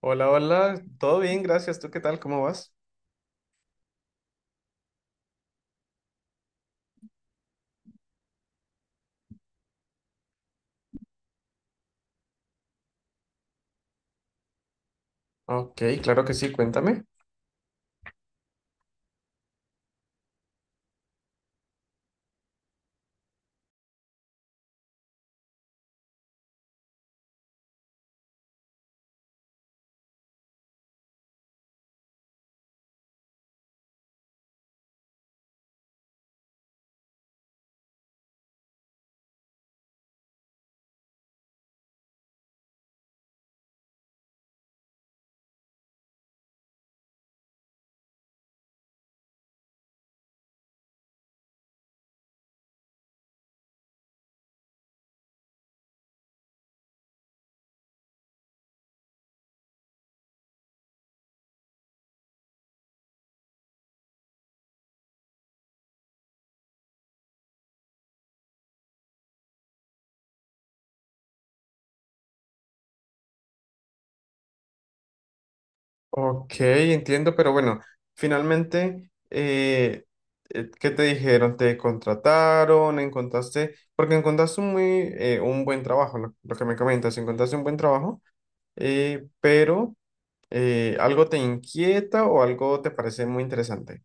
Hola, hola, todo bien, gracias. ¿Tú qué tal? ¿Cómo vas? Ok, claro que sí, cuéntame. Ok, entiendo, pero bueno, finalmente, ¿qué te dijeron? ¿Te contrataron? ¿Encontraste? Porque encontraste un muy, un buen trabajo, lo que me comentas, encontraste un buen trabajo, pero ¿algo te inquieta o algo te parece muy interesante?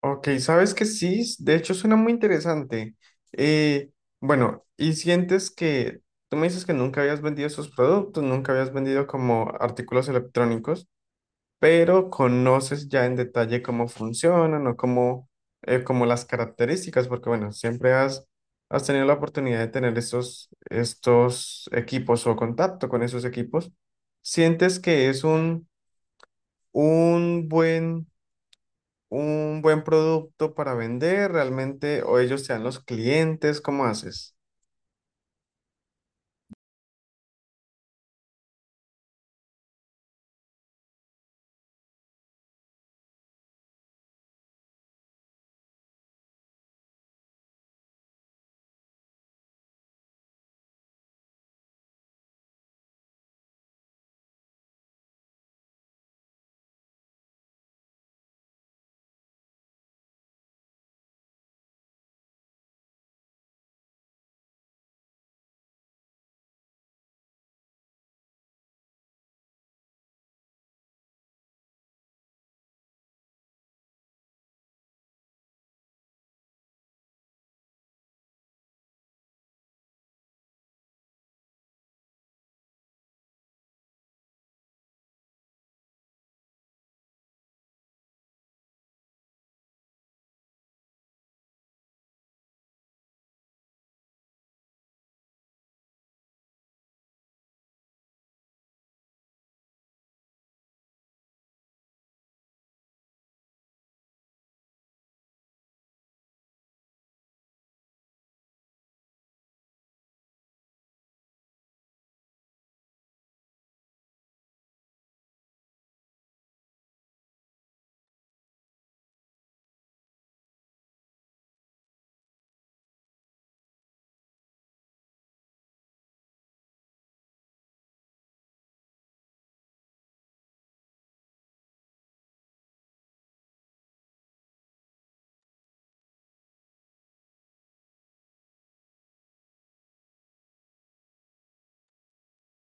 Ok, sabes que sí, de hecho suena muy interesante. Eh, bueno, y sientes que tú me dices que nunca habías vendido esos productos, nunca habías vendido como artículos electrónicos, pero conoces ya en detalle cómo funcionan o como las características, porque bueno, has tenido la oportunidad de tener estos equipos o contacto con esos equipos. ¿Sientes que es un buen un buen producto para vender realmente o ellos te dan los clientes? ¿Cómo haces?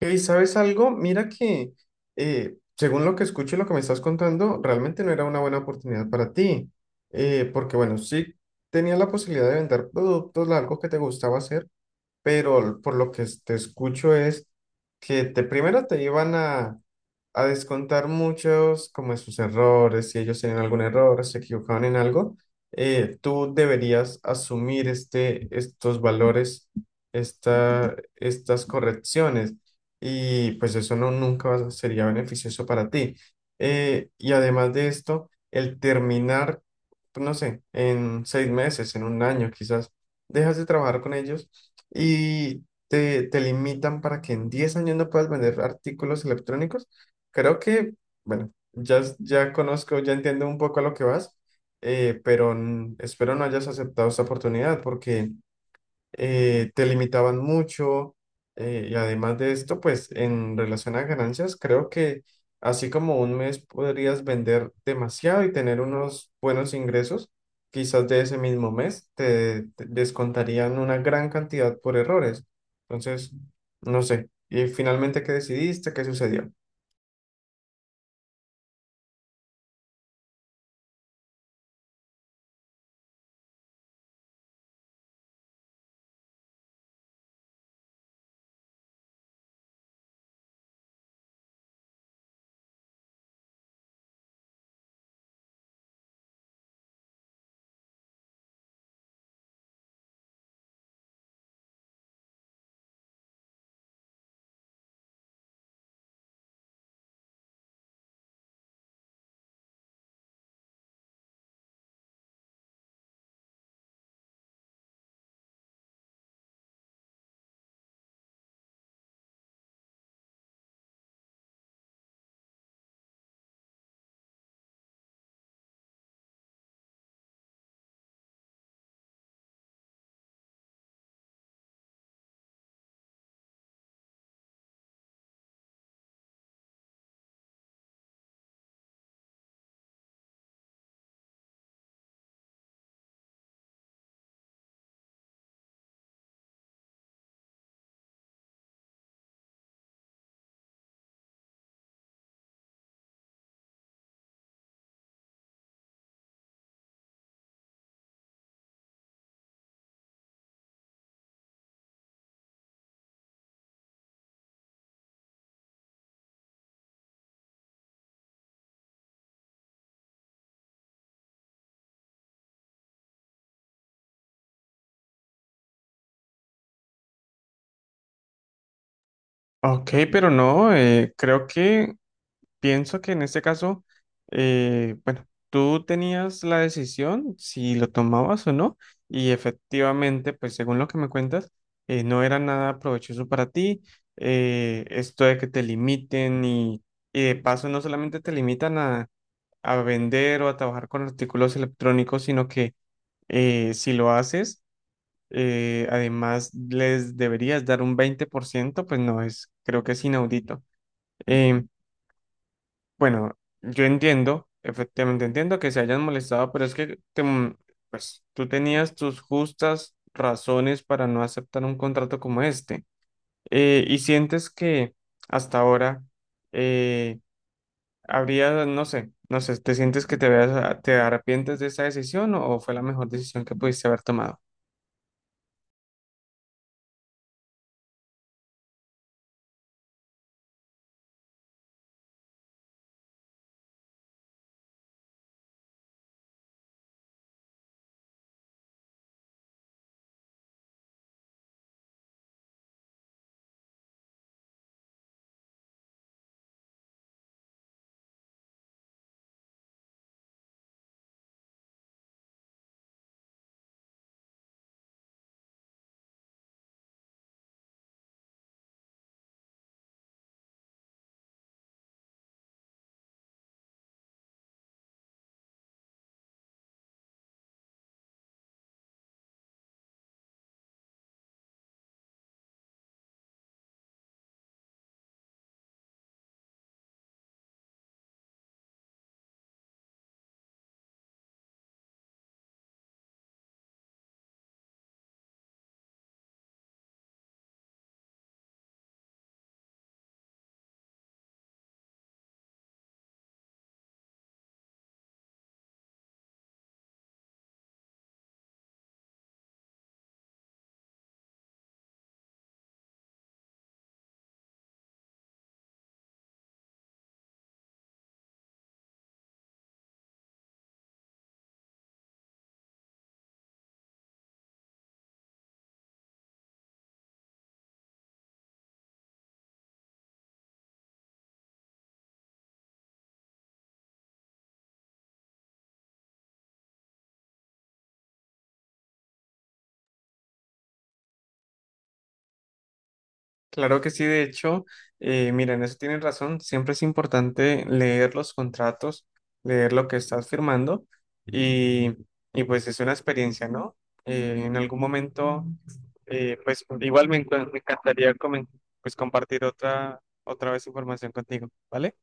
¿Y sabes algo? Mira que según lo que escucho y lo que me estás contando, realmente no era una buena oportunidad para ti. Porque bueno, sí tenías la posibilidad de vender productos, algo que te gustaba hacer, pero por lo que te escucho es que te, primero te iban a descontar muchos como de sus errores, si ellos tienen algún error, se equivocaron en algo, tú deberías asumir estos valores, estas correcciones y pues eso no, nunca sería beneficioso para ti. Y además de esto, el terminar, pues, no sé, en 6 meses, en 1 año quizás, dejas de trabajar con ellos y... te limitan para que en 10 años no puedas vender artículos electrónicos. Creo que, bueno, ya conozco, ya entiendo un poco a lo que vas, pero espero no hayas aceptado esta oportunidad porque te limitaban mucho. Y además de esto, pues en relación a ganancias, creo que así como un mes podrías vender demasiado y tener unos buenos ingresos, quizás de ese mismo mes te descontarían una gran cantidad por errores. Entonces, no sé. Y finalmente, ¿qué decidiste? ¿Qué sucedió? Ok, pero no, creo que pienso que en este caso, bueno, tú tenías la decisión si lo tomabas o no, y efectivamente, pues según lo que me cuentas, no era nada provechoso para ti, esto de que te limiten y de paso no solamente te limitan a vender o a trabajar con artículos electrónicos, sino que si lo haces, además les deberías dar un 20%, pues no es, creo que es inaudito. Eh, bueno, yo entiendo, efectivamente entiendo que se hayan molestado, pero es que pues, tú tenías tus justas razones para no aceptar un contrato como este. Y sientes que hasta ahora eh, habría, no sé, ¿te sientes que te, te arrepientes de esa decisión o fue la mejor decisión que pudiste haber tomado? Claro que sí, de hecho, mira, en eso tienen razón. Siempre es importante leer los contratos, leer lo que estás firmando y, y pues es una experiencia, ¿no? En algún momento, pues igual me encantaría pues compartir otra, otra vez información contigo, ¿vale?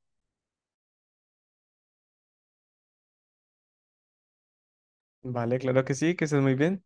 Vale, claro que sí, que estés muy bien.